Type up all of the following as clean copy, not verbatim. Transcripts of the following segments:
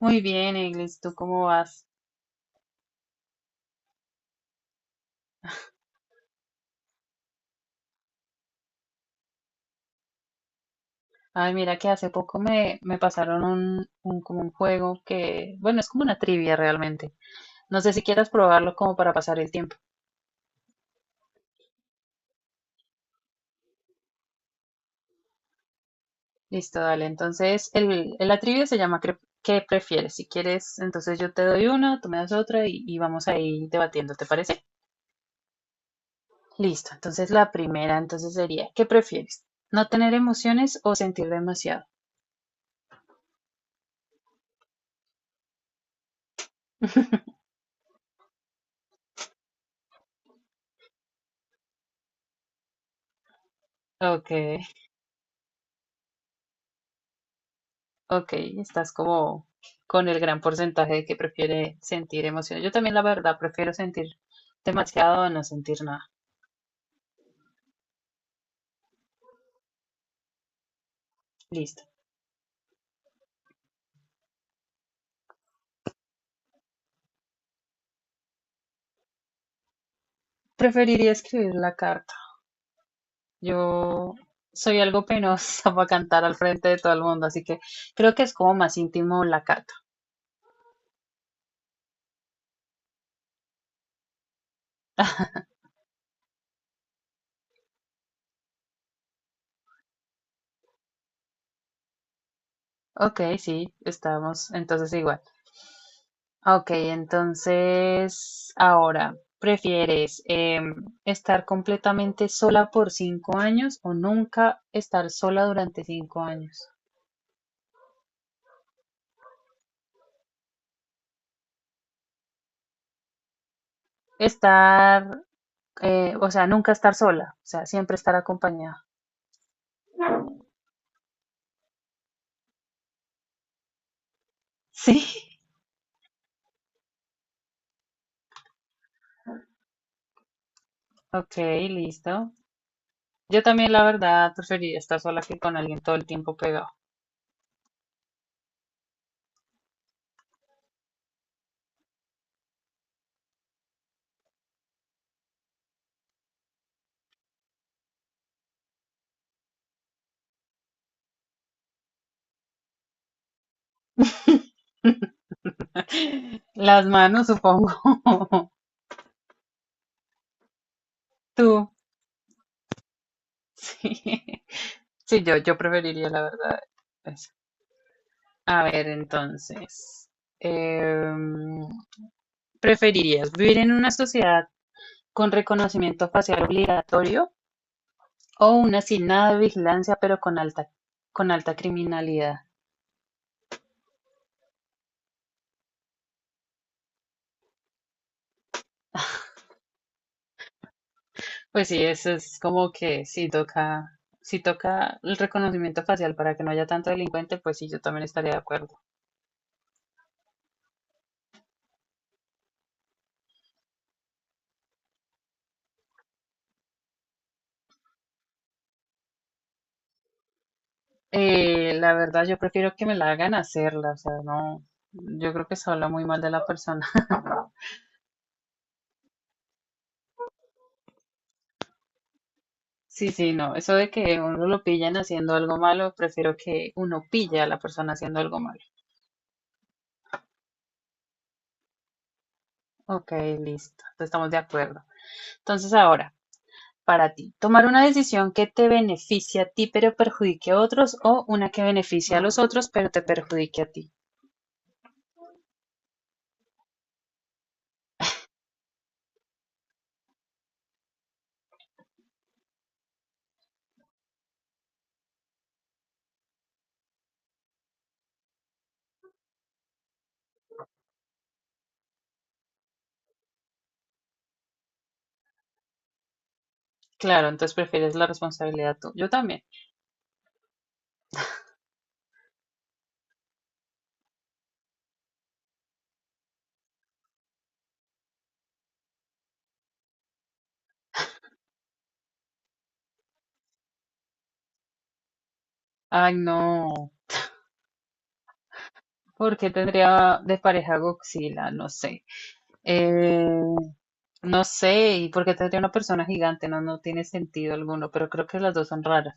Muy bien, Eglis, ¿tú cómo vas? Ay, mira que hace poco me pasaron como un juego que, bueno, es como una trivia realmente. No sé si quieras probarlo como para pasar el tiempo. Listo, dale. Entonces, la trivia se llama ¿Qué prefieres? Si quieres, entonces yo te doy una, tú me das otra y vamos ahí debatiendo, ¿te parece? Listo. Entonces, la primera entonces sería, ¿qué prefieres? ¿No tener emociones o sentir demasiado? Ok. Ok, estás como con el gran porcentaje de que prefiere sentir emociones. Yo también, la verdad, prefiero sentir demasiado a no sentir nada. Listo. Preferiría escribir la carta. Yo soy algo penosa para cantar al frente de todo el mundo, así que creo que es como más íntimo la carta. Ok, sí, estamos entonces igual. Ok, entonces ahora, ¿prefieres estar completamente sola por 5 años o nunca estar sola durante 5 años? Estar, o sea, nunca estar sola, o sea, siempre estar acompañada. Sí. Ok, listo. Yo también, la verdad, preferiría estar sola que con alguien todo el tiempo pegado. Las manos, supongo. Tú. Sí, yo preferiría, la verdad, eso. A ver, entonces, em, ¿preferirías vivir en una sociedad con reconocimiento facial obligatorio o una sin nada de vigilancia pero con alta criminalidad? Pues sí, eso es como que si toca, si toca el reconocimiento facial para que no haya tanto delincuente, pues sí, yo también estaría de acuerdo. La verdad, yo prefiero que me la hagan hacerla, o sea, no, yo creo que se habla muy mal de la persona. Sí, sí, no, eso de que uno lo pillan haciendo algo malo, prefiero que uno pille a la persona haciendo algo malo. Ok, listo, entonces estamos de acuerdo. Entonces ahora, para ti. Tomar una decisión que te beneficie a ti pero perjudique a otros o una que beneficie a los otros pero te perjudique a ti. Claro, entonces prefieres la responsabilidad tú. Yo también. Ay, no. ¿Por qué tendría de pareja Godzilla? No sé. Eh, no sé. ¿Y por qué tendría una persona gigante? No, no tiene sentido alguno, pero creo que las dos son raras.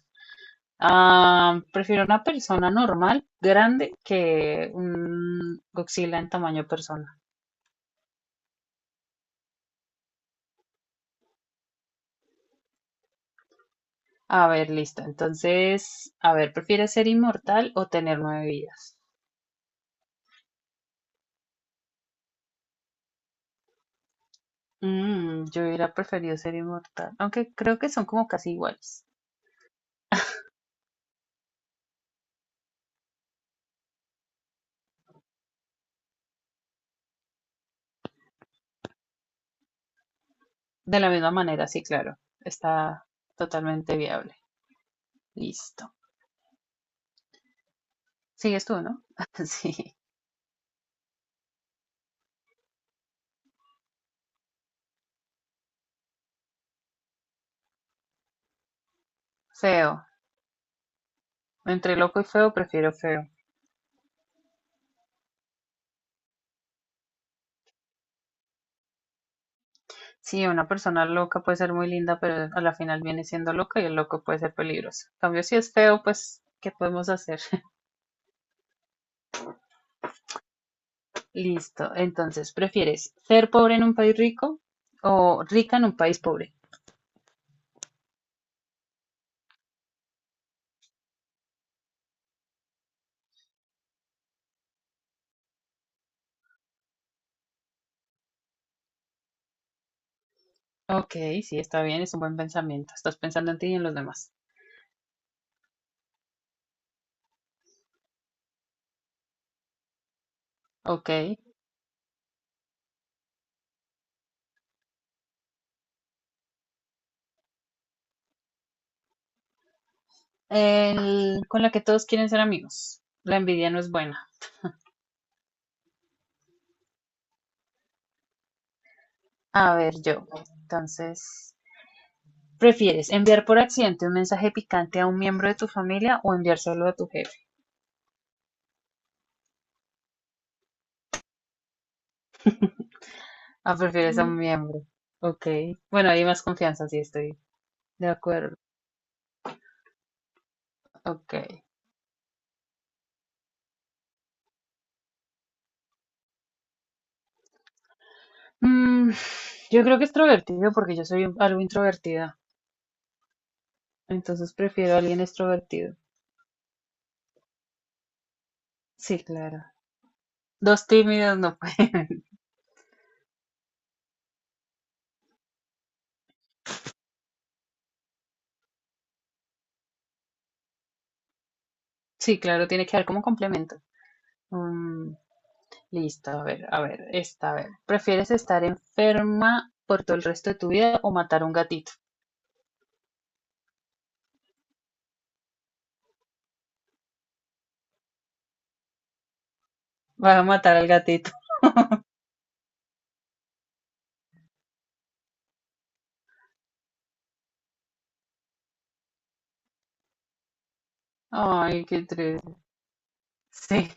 Ah, prefiero una persona normal, grande, que un Godzilla en tamaño personal. A ver, listo. Entonces, a ver, ¿prefieres ser inmortal o tener nueve vidas? Mm, yo hubiera preferido ser inmortal, aunque creo que son como casi iguales. De la misma manera, sí, claro. Está totalmente viable. Listo. Sigues tú, ¿no? Sí. Feo. Entre loco y feo, prefiero feo. Sí, una persona loca puede ser muy linda, pero a la final viene siendo loca y el loco puede ser peligroso. En cambio, si es feo, pues, ¿qué podemos hacer? Listo. Entonces, ¿prefieres ser pobre en un país rico o rica en un país pobre? Ok, sí, está bien, es un buen pensamiento. Estás pensando en ti y en los demás. Ok. El, con la que todos quieren ser amigos. La envidia no es buena. A ver, yo. Entonces, ¿prefieres enviar por accidente un mensaje picante a un miembro de tu familia o enviárselo a tu jefe? Ah, prefieres a Mm, un miembro. Ok. Bueno, hay más confianza, sí, estoy de acuerdo. Ok. Mm, yo creo que extrovertido porque yo soy algo introvertida, entonces prefiero a alguien extrovertido. Sí, claro. Dos tímidos no pueden. Sí, claro, tiene que haber como complemento. Mm, listo, a ver, esta, a ver. ¿Prefieres estar enferma por todo el resto de tu vida o matar a un gatito? Va a matar al gatito. Ay, qué triste. Sí,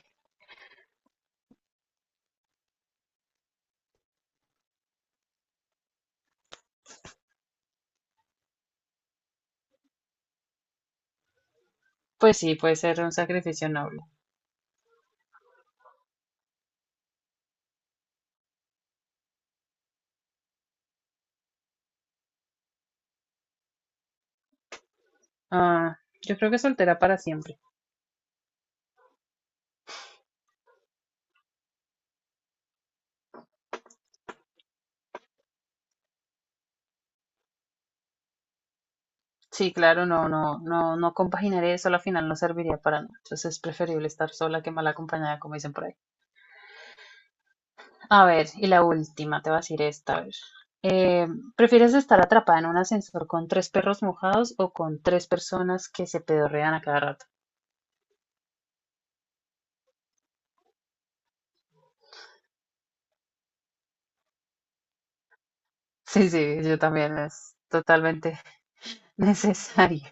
pues sí, puede ser un sacrificio noble. Ah, yo creo que soltera para siempre. Sí, claro, no, no, no, no compaginar eso, al final no serviría para nada. Entonces es preferible estar sola que mal acompañada, como dicen por ahí. A ver, y la última, te voy a decir esta, a ver. Eh, ¿Prefieres estar atrapada en un ascensor con tres perros mojados o con tres personas que se pedorrean a cada rato? Sí, sí, yo también, es totalmente necesario.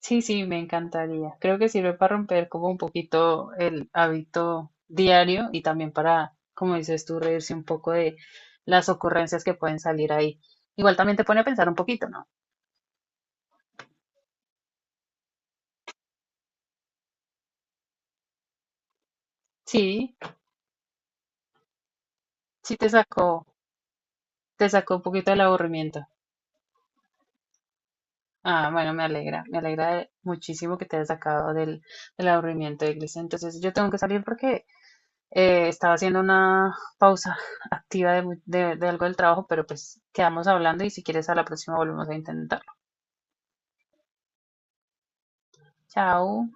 Sí, sí, me encantaría. Creo que sirve para romper como un poquito el hábito diario y también para, como dices tú, reírse un poco de las ocurrencias que pueden salir ahí. Igual también te pone a pensar un poquito, ¿no? Sí, sí te sacó un poquito del aburrimiento. Ah, bueno, me alegra muchísimo que te hayas sacado del, del aburrimiento, Iglesia. Entonces, yo tengo que salir porque estaba haciendo una pausa activa de, de algo del trabajo, pero pues quedamos hablando y si quieres a la próxima volvemos a intentar. Chao.